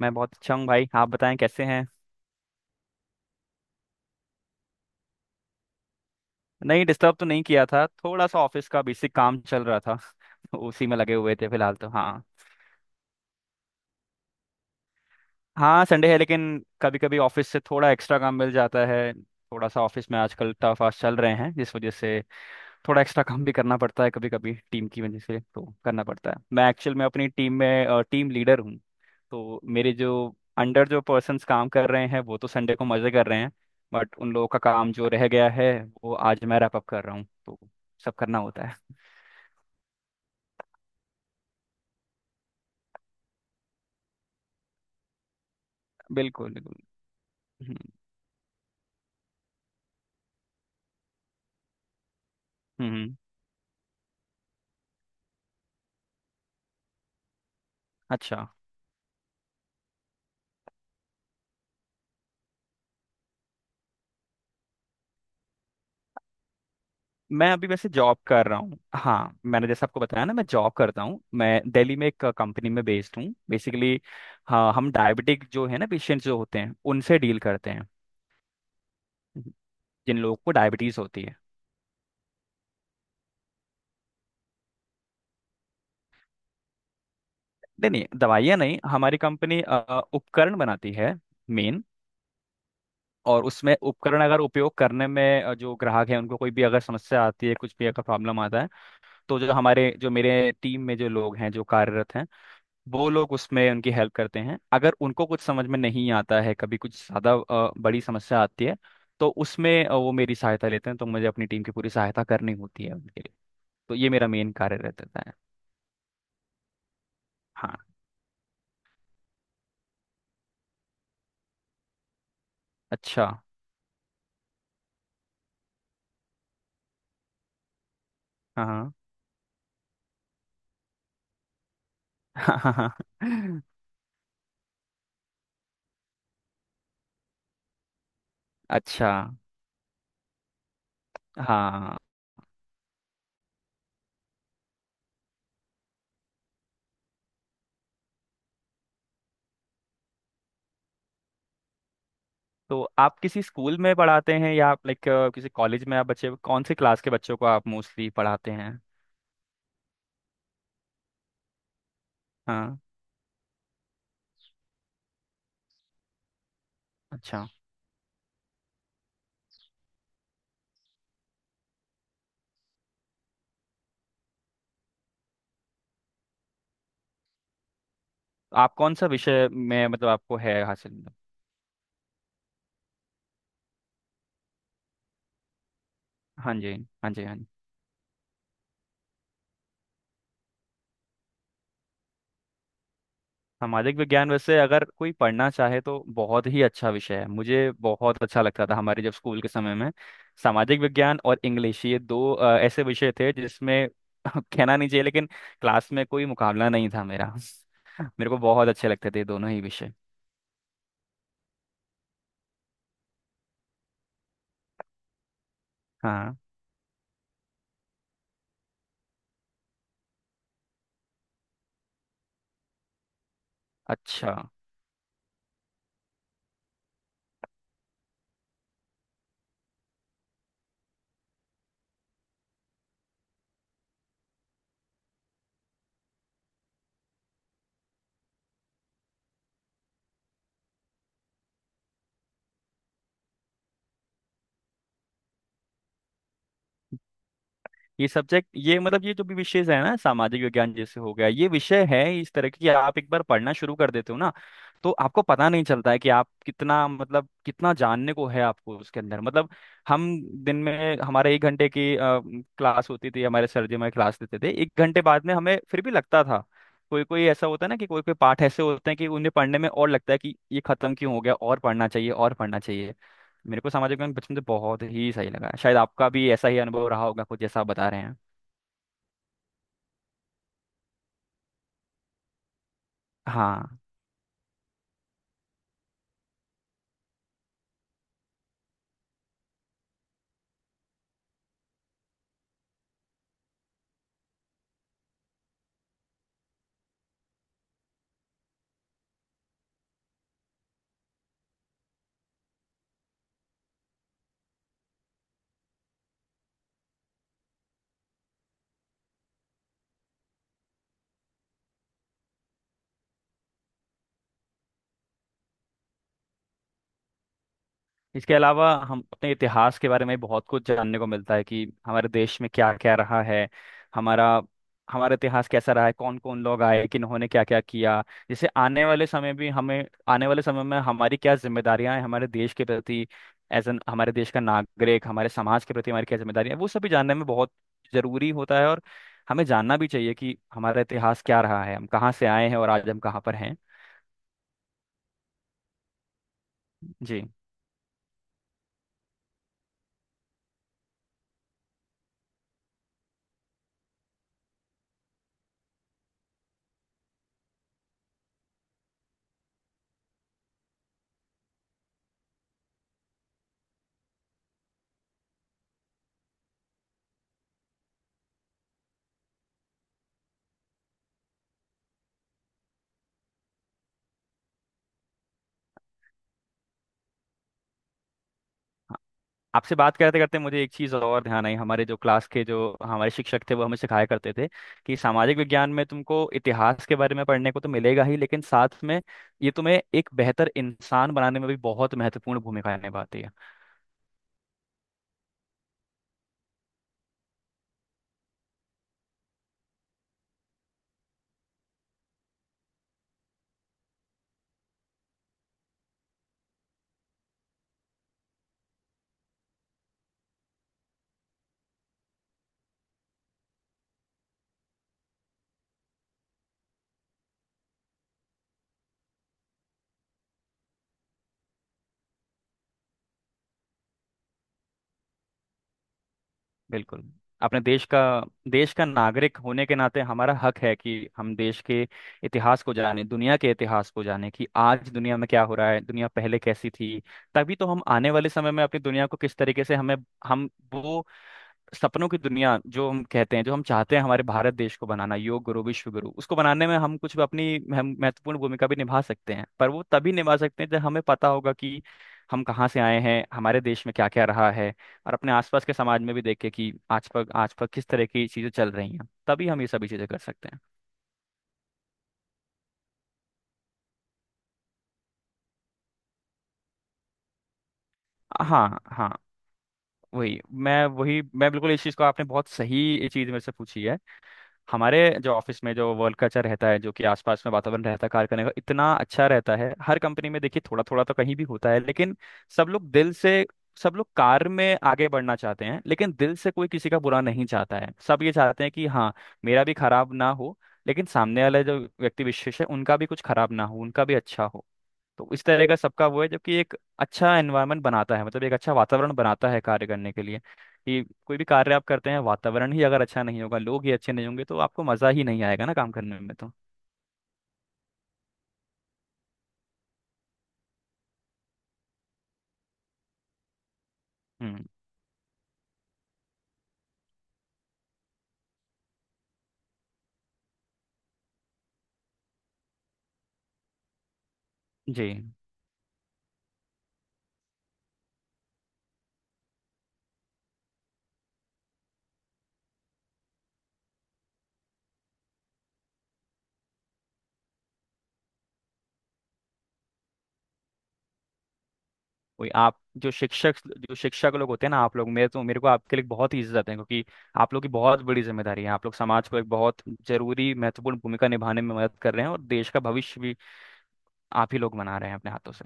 मैं बहुत अच्छा हूँ भाई। आप बताएं कैसे हैं। नहीं, डिस्टर्ब तो नहीं किया था, थोड़ा सा ऑफिस का बेसिक काम चल रहा था तो उसी में लगे हुए थे फिलहाल तो। हाँ, हाँ संडे है लेकिन कभी कभी ऑफिस से थोड़ा एक्स्ट्रा काम मिल जाता है, थोड़ा सा ऑफिस में आजकल टफ आज चल रहे हैं जिस वजह से थोड़ा एक्स्ट्रा काम भी करना पड़ता है। कभी कभी टीम की वजह से तो करना पड़ता है। मैं एक्चुअल में अपनी टीम में टीम लीडर हूँ तो मेरे जो अंडर जो पर्सन्स काम कर रहे हैं वो तो संडे को मजे कर रहे हैं, बट उन लोगों का काम जो रह गया है वो आज मैं रैप अप कर रहा हूँ, तो सब करना होता है। बिल्कुल बिल्कुल। हम्म। हम्म। अच्छा, मैं अभी वैसे जॉब कर रहा हूँ। हाँ, मैंने जैसे आपको बताया ना, मैं जॉब करता हूँ, मैं दिल्ली में एक कंपनी में बेस्ड हूँ बेसिकली। हाँ, हम डायबिटिक जो है ना पेशेंट जो होते हैं उनसे डील करते हैं। जिन लोगों को डायबिटीज होती है। नहीं नहीं, दवाइयाँ नहीं, हमारी कंपनी उपकरण बनाती है मेन। और उसमें उपकरण अगर उपयोग करने में जो ग्राहक है उनको कोई भी अगर समस्या आती है, कुछ भी अगर प्रॉब्लम आता है तो जो हमारे जो मेरे टीम में जो लोग हैं जो कार्यरत हैं वो लोग उसमें उनकी हेल्प करते हैं। अगर उनको कुछ समझ में नहीं आता है, कभी कुछ ज़्यादा बड़ी समस्या आती है तो उसमें वो मेरी सहायता लेते हैं, तो मुझे अपनी टीम की पूरी सहायता करनी होती है उनके लिए। तो ये मेरा मेन कार्य रहता है। हाँ। अच्छा। हाँ हाँ। अच्छा। हाँ, तो आप किसी स्कूल में पढ़ाते हैं या आप लाइक किसी कॉलेज में? आप बच्चे कौन से क्लास के बच्चों को आप मोस्टली पढ़ाते हैं? हाँ। अच्छा, आप कौन सा विषय में मतलब आपको है हासिल? हाँ जी। हाँ जी, हाँ। सामाजिक विज्ञान वैसे अगर कोई पढ़ना चाहे तो बहुत ही अच्छा विषय है। मुझे बहुत अच्छा लगता था हमारे जब स्कूल के समय में। सामाजिक विज्ञान और इंग्लिश, ये दो ऐसे विषय थे जिसमें कहना नहीं चाहिए लेकिन क्लास में कोई मुकाबला नहीं था मेरा। मेरे को बहुत अच्छे लगते थे दोनों ही विषय। हाँ। अच्छा, ये सब्जेक्ट ये मतलब ये जो भी विषय है ना, सामाजिक विज्ञान जैसे हो गया, ये विषय है इस तरह की कि आप एक बार पढ़ना शुरू कर देते हो ना तो आपको पता नहीं चलता है कि आप कितना मतलब कितना जानने को है आपको उसके अंदर मतलब। हम दिन में हमारे एक घंटे की क्लास होती थी, हमारे सर जी हमारे क्लास देते थे, एक घंटे बाद में हमें फिर भी लगता था कोई कोई ऐसा होता है ना कि कोई कोई पाठ ऐसे होते हैं कि उन्हें पढ़ने में और लगता है कि ये खत्म क्यों हो गया, और पढ़ना चाहिए और पढ़ना चाहिए। मेरे को सामाजिक विज्ञान बचपन से बहुत ही सही लगा, शायद आपका भी ऐसा ही अनुभव रहा होगा कुछ जैसा आप बता रहे हैं। हाँ। इसके अलावा हम अपने इतिहास के बारे में बहुत कुछ जानने को मिलता है कि हमारे देश में क्या क्या रहा है, हमारा हमारा इतिहास कैसा रहा है, कौन कौन लोग आए, किन्होंने क्या क्या किया। जैसे आने वाले समय भी, हमें आने वाले समय में हमारी क्या जिम्मेदारियां हैं हमारे देश के प्रति, एज एन हमारे देश का नागरिक हमारे समाज के प्रति हमारी क्या जिम्मेदारियां हैं, वो सभी जानने में बहुत जरूरी होता है। और हमें जानना भी चाहिए कि हमारा इतिहास क्या रहा है, हम कहाँ से आए हैं और आज हम कहाँ पर हैं। जी। आपसे बात करते करते मुझे एक चीज़ और ध्यान आई, हमारे जो क्लास के जो हमारे शिक्षक थे, वो हमें सिखाया करते थे कि सामाजिक विज्ञान में तुमको इतिहास के बारे में पढ़ने को तो मिलेगा ही, लेकिन साथ में ये तुम्हें एक बेहतर इंसान बनाने में भी बहुत महत्वपूर्ण भूमिका निभाती है। बिल्कुल। अपने देश का, देश का नागरिक होने के नाते हमारा हक है कि हम देश के इतिहास को जाने, दुनिया के इतिहास को जाने कि आज दुनिया में क्या हो रहा है, दुनिया पहले कैसी थी। तभी तो हम आने वाले समय में अपनी दुनिया को किस तरीके से हमें, हम वो सपनों की दुनिया जो हम कहते हैं, जो हम चाहते हैं हमारे भारत देश को बनाना, योग गुरु विश्व गुरु उसको बनाने में हम कुछ अपनी महत्वपूर्ण भूमिका भी निभा सकते हैं। पर वो तभी निभा सकते हैं जब हमें पता होगा कि हम कहाँ से आए हैं, हमारे देश में क्या क्या रहा है। और अपने आसपास के समाज में भी देखे कि आज पर किस तरह की चीजें चल रही हैं, तभी हम ये सभी चीजें कर सकते हैं। हाँ हाँ। वही वही मैं बिल्कुल, इस चीज़ को आपने बहुत सही ये चीज़ मेरे से पूछी है। हमारे जो ऑफिस में जो वर्क कल्चर रहता है, जो कि आसपास में वातावरण रहता है कार्य करने का, इतना अच्छा रहता है। हर कंपनी में देखिए थोड़ा थोड़ा तो कहीं भी होता है लेकिन सब लोग दिल से, सब लोग कार्य में आगे बढ़ना चाहते हैं लेकिन दिल से कोई किसी का बुरा नहीं चाहता है। सब ये चाहते हैं कि हाँ, मेरा भी खराब ना हो लेकिन सामने वाले जो व्यक्ति विशेष है उनका भी कुछ खराब ना हो, उनका भी अच्छा हो। तो इस तरह का सबका वो है जबकि एक अच्छा एनवायरनमेंट बनाता है, मतलब एक अच्छा वातावरण बनाता है कार्य करने के लिए। कि कोई भी कार्य आप करते हैं, वातावरण ही अगर अच्छा नहीं होगा, लोग ही अच्छे नहीं होंगे तो आपको मज़ा ही नहीं आएगा ना काम करने में तो। हम्म। जी। वही आप, जो शिक्षक, जो शिक्षक लोग होते हैं ना आप लोग, मेरे को आपके लिए बहुत ही इज्जत है। क्योंकि आप लोग की बहुत बड़ी जिम्मेदारी है, आप लोग समाज को एक बहुत जरूरी महत्वपूर्ण भूमिका निभाने में मदद कर रहे हैं, और देश का भविष्य भी आप ही लोग बना रहे हैं अपने हाथों से।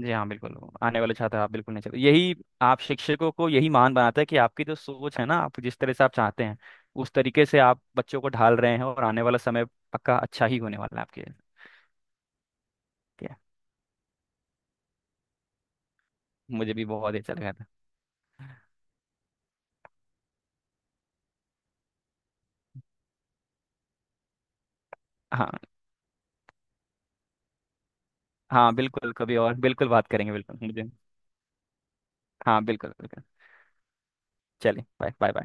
जी हाँ बिल्कुल। आने वाले छात्र आप बिल्कुल नहीं चले, यही। आप शिक्षकों को यही महान बनाता है कि आपकी जो सोच है ना, आप जिस तरह से आप चाहते हैं उस तरीके से आप बच्चों को ढाल रहे हैं, और आने वाला समय पक्का अच्छा ही होने वाला है आपके। ठीक है। मुझे भी बहुत अच्छा लगा था। हाँ। हाँ बिल्कुल, कभी और बिल्कुल बात करेंगे बिल्कुल मुझे। हाँ बिल्कुल बिल्कुल। चलिए बाय बाय बाय।